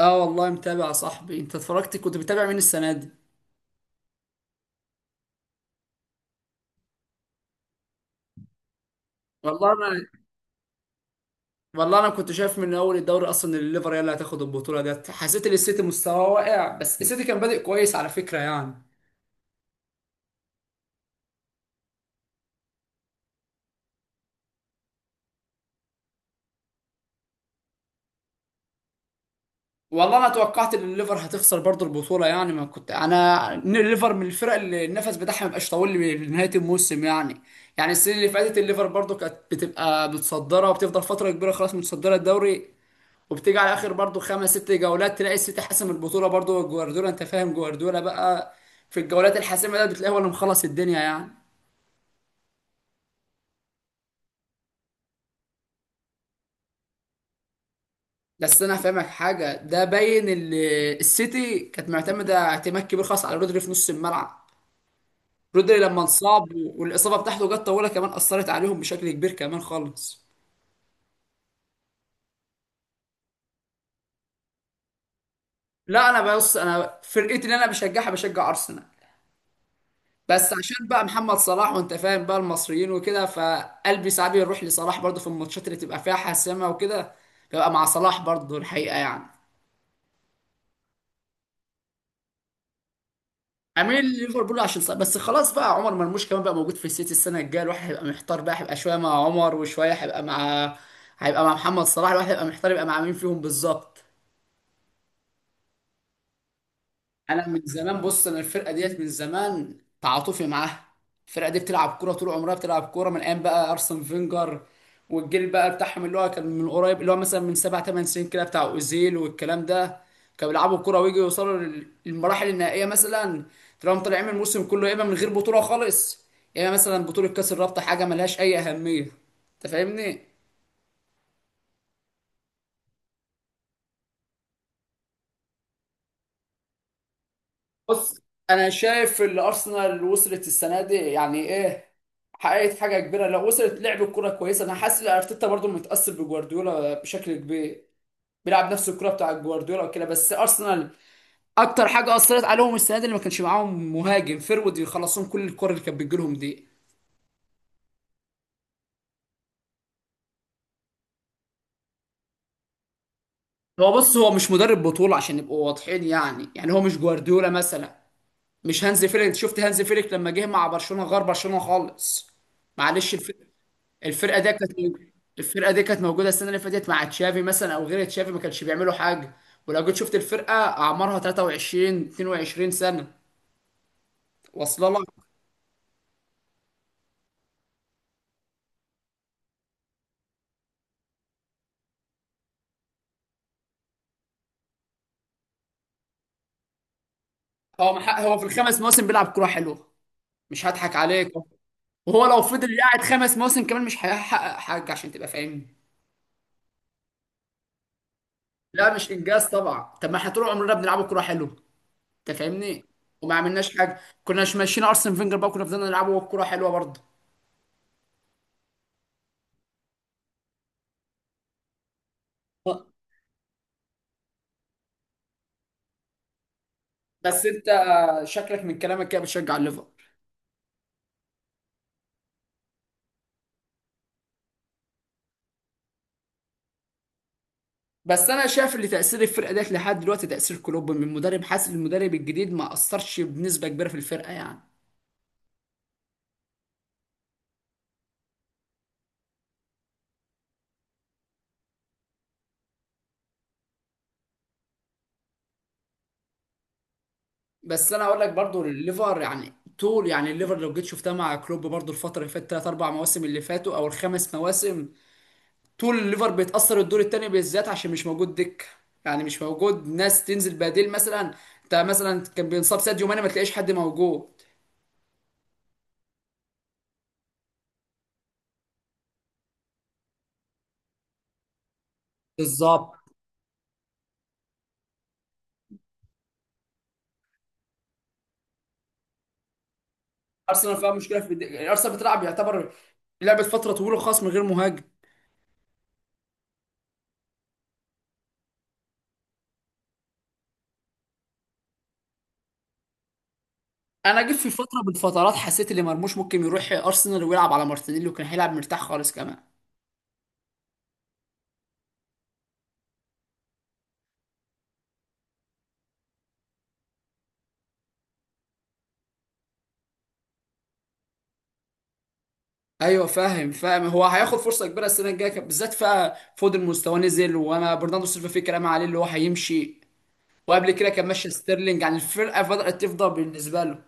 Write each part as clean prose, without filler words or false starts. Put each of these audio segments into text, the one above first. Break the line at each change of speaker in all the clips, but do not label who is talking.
اه، والله متابع يا صاحبي. انت اتفرجت؟ كنت بتابع مين السنه دي؟ والله انا والله انا كنت شايف من اول الدوري اصلا ان الليفر هي اللي هتاخد البطوله ديت. حسيت ان السيتي مستواه واقع، بس السيتي كان بادئ كويس على فكره يعني. والله انا توقعت ان الليفر هتخسر برضه البطوله، يعني ما كنت انا ان الليفر من الفرق اللي النفس بتاعها ما بيبقاش طويل لنهايه الموسم يعني. يعني السنه اللي فاتت الليفر برضه كانت بتبقى متصدره، وبتفضل فتره كبيره خلاص متصدره الدوري، وبتيجي على اخر برضو خمس ست جولات تلاقي السيتي حاسم البطوله، برضو جوارديولا، انت فاهم جوارديولا بقى في الجولات الحاسمه ده بتلاقيه هو اللي مخلص الدنيا يعني. بس انا هفهمك حاجه، ده باين السيتي كانت معتمده اعتماد كبير خاص على رودري في نص الملعب. رودري لما انصاب والاصابه بتاعته جت طويله كمان، اثرت عليهم بشكل كبير كمان خالص. لا، انا بص، انا فرقتي اللي انا بشجعها بشجع ارسنال، بس عشان بقى محمد صلاح وانت فاهم بقى المصريين وكده، فقلبي ساعات بيروح لصلاح برضه في الماتشات اللي تبقى فيها حاسمه وكده. ببقى مع صلاح برضه الحقيقه يعني. اميل ليفربول عشان صلاح، بس خلاص بقى عمر مرموش كمان بقى موجود في السيتي السنه الجايه، الواحد هيبقى محتار بقى، هيبقى شويه مع عمر وشويه هيبقى مع محمد صلاح، الواحد هيبقى محتار يبقى مع مين فيهم بالظبط. انا من زمان، بص انا الفرقه ديت من زمان تعاطفي معاها. الفرقه دي بتلعب كوره طول عمرها، بتلعب كوره من ايام بقى ارسن فينجر، والجيل بقى بتاعهم اللي هو كان من قريب اللي هو مثلا من سبع ثمان سنين كده بتاع اوزيل والكلام ده، كانوا بيلعبوا كوره ويجوا يوصلوا للمراحل النهائيه مثلا. تلاقيهم طالعين من الموسم كله يا اما من غير بطوله خالص، يا اما مثلا بطوله كاس الرابطه، حاجه ملهاش اي اهميه. انت فاهمني؟ بص، انا شايف اللي ارسنال وصلت السنه دي يعني ايه، حققت حاجه كبيره، لو وصلت لعب الكره كويسه. انا حاسس ان ارتيتا برضه متاثر بجوارديولا بشكل كبير، بيلعب نفس الكره بتاع جوارديولا وكده، بس ارسنال اكتر حاجه اثرت عليهم السنه دي اللي ما كانش معاهم مهاجم فيرود يخلصهم كل الكره اللي كانت بتجيلهم دي. هو بص، هو مش مدرب بطوله عشان نبقوا واضحين، يعني هو مش جوارديولا مثلا، مش هانز فيليك. انت شفت هانز فيليك لما جه مع برشلونه، غير برشلونه خالص. معلش الفكره، الفرقه دي كانت، الفرقه دي كانت موجوده السنه اللي فاتت مع تشافي مثلا او غير تشافي، ما كانش بيعملوا حاجه. ولو جيت شفت الفرقه اعمارها 23 22 سنه، واصله لك. هو في الخمس مواسم بيلعب كوره حلوه، مش هضحك عليك. وهو لو فضل قاعد خمس مواسم كمان مش هيحقق حاجه، عشان تبقى فاهمني. لا مش انجاز طبعا، طب ما احنا طول عمرنا بنلعب كوره حلوه. انت فاهمني؟ وما عملناش حاجه، كنا مش ماشيين ارسن فينجر بقى كنا فضلنا نلعبه كوره حلوه برضه. بس انت شكلك من كلامك كده بتشجع الليفر. بس انا شايف ان تاثير الفرقه ديت لحد دلوقتي تاثير كلوب من مدرب، حاسس إن المدرب الجديد ما اثرش بنسبه كبيره في الفرقه يعني. بس انا اقول لك برضو، الليفر يعني، طول يعني الليفر لو جيت شفتها مع كلوب برضو الفتره اللي فاتت ثلاث اربع مواسم اللي فاتوا او الخمس مواسم، طول الليفر بيتاثر الدور الثاني بالذات عشان مش موجود دكه، يعني مش موجود ناس تنزل بديل مثلا. انت مثلا كان بينصاب ساديو ماني ما تلاقيش حد موجود. بالظبط. ارسنال فيها مشكله يعني ارسنال بتلعب يعتبر، لعبت فتره طويله خالص من غير مهاجم. انا جيت في فتره من الفترات حسيت ان مرموش ممكن يروح ارسنال ويلعب على مارتينيلي، وكان هيلعب مرتاح خالص كمان. ايوه فاهم فاهم، هو هياخد فرصه كبيره السنه الجايه بالذات، فا فودن مستواه نزل، وانا برناردو سيلفا في كلام عليه اللي هو هيمشي، وقبل كده كان ماشي ستيرلينج، يعني الفرقه بدات تفضى بالنسبه له.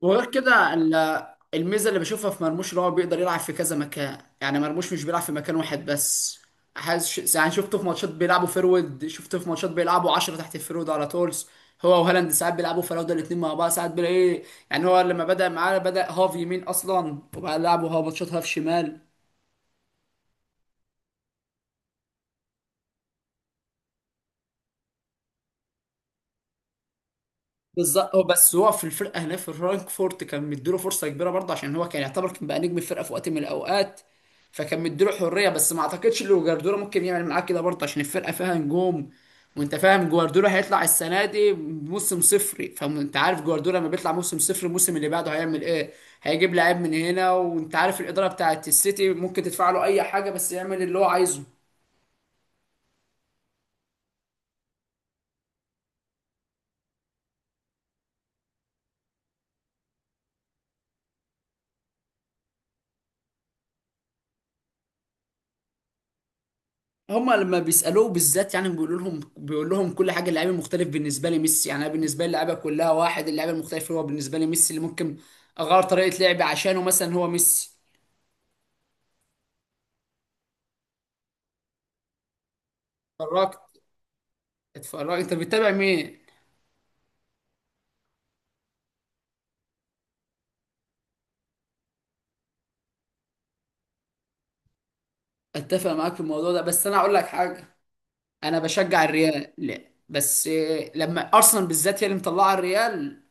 وغير كده الميزه اللي بشوفها في مرموش ان هو بيقدر يلعب في كذا مكان، يعني مرموش مش بيلعب في مكان واحد بس. حاسس يعني، شفته في ماتشات بيلعبوا فيرود، شفته في ماتشات بيلعبوا 10 تحت الفيرود على طول، هو وهالاند ساعات بيلعبوا فراوده الاثنين مع بعض، ساعات بيلاقي، يعني هو لما بدأ معاه بدأ هاف يمين اصلا، وبعد لعبه هاف ماتشات هاف شمال. بالظبط. هو بس هو في الفرقه هنا في فرانكفورت كان مديله فرصه كبيره برضه، عشان هو كان يعتبر كان بقى نجم الفرقه في وقت من الاوقات، فكان مديله حريه. بس ما اعتقدش ان جوارديولا ممكن يعمل معاه كده برضه عشان الفرقه فيها نجوم. وانت فاهم جوارديولا هيطلع السنه دي موسم صفري، فانت عارف جوارديولا لما بيطلع موسم صفر الموسم اللي بعده هيعمل ايه، هيجيب لعيب من هنا، وانت عارف الاداره بتاعت السيتي ممكن تدفع له اي حاجه بس يعمل اللي هو عايزه. هما لما بيسالوه بالذات يعني، بيقول لهم كل حاجه، اللعيب المختلف بالنسبه لي ميسي، يعني انا بالنسبه لي اللعيبه كلها واحد، اللعيب المختلف هو بالنسبه لي ميسي اللي ممكن اغير طريقه لعبي عشانه مثلا، هو ميسي. اتفرجت اتفرجت، انت بتتابع مين؟ اتفق معاك في الموضوع ده، بس انا اقول لك حاجه، انا بشجع الريال، لا بس إيه، لما ارسنال بالذات هي اللي مطلعه الريال،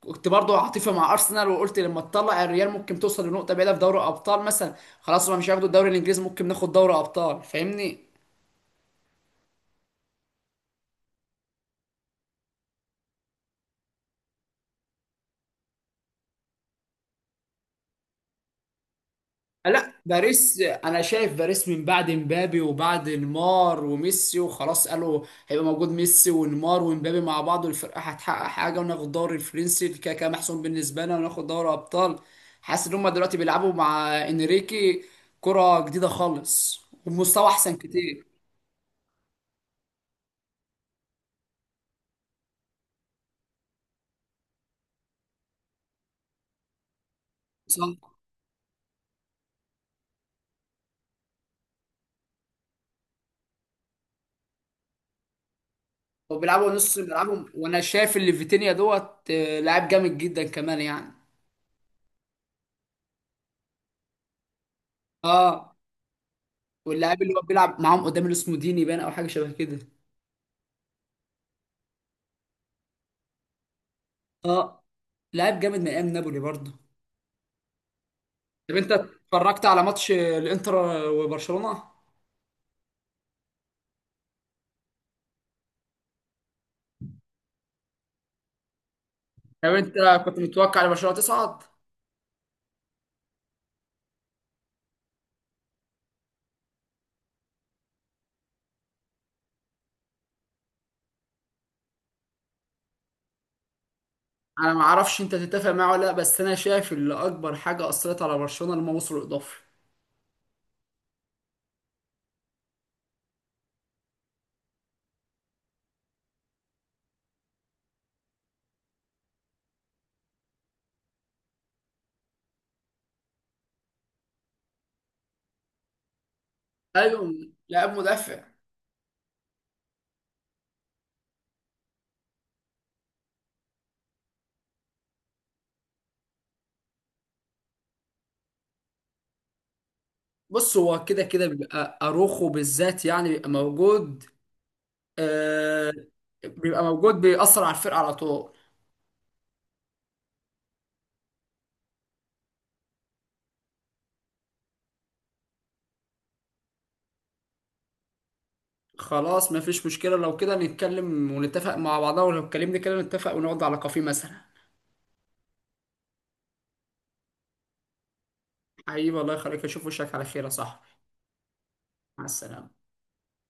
كنت برضه عاطفي مع ارسنال، وقلت لما تطلع الريال ممكن توصل لنقطه بعيده في دوري ابطال مثلا. خلاص هما مش هياخدوا الدوري الانجليزي، ممكن ناخد دوري ابطال، فاهمني؟ لا باريس، انا شايف باريس من بعد مبابي وبعد نيمار وميسي، وخلاص قالوا هيبقى موجود ميسي ونيمار ومبابي مع بعض والفرقه هتحقق حاجه وناخد الدوري الفرنسي كده كده محسوم بالنسبه لنا وناخد دوري ابطال. حاسس ان هم دلوقتي بيلعبوا مع انريكي كره جديده خالص ومستوى احسن كتير. صح. وبيلعبوا نص، بيلعبوا، وانا شايف اللي فيتينيا دوت آه، لاعب جامد جدا كمان يعني. اه، واللاعب اللي هو بيلعب معاهم قدام اللي اسمه ديني بان او حاجه شبه كده. اه، لاعب جامد من ايام نابولي برضه. طب انت اتفرجت على ماتش الانتر وبرشلونه؟ طب انت كنت متوقع ان برشلونه تصعد؟ انا ما اعرفش انت تتفق معايا ولا لا، بس انا شايف ان اكبر حاجه اثرت على برشلونه لما وصلوا الاضافي. ايوه، لاعب مدافع. بص هو كده كده بيبقى اروخو بالذات، يعني بيبقى موجود. آه، بيبقى موجود بيأثر على الفرقه على طول. خلاص، ما فيش مشكله، لو كده نتكلم ونتفق مع بعضنا، ولو اتكلمنا كده نتفق ونقعد على كافيه مثلا. حبيبي الله يخليك، اشوف وشك على خير يا صاحبي. مع السلامة.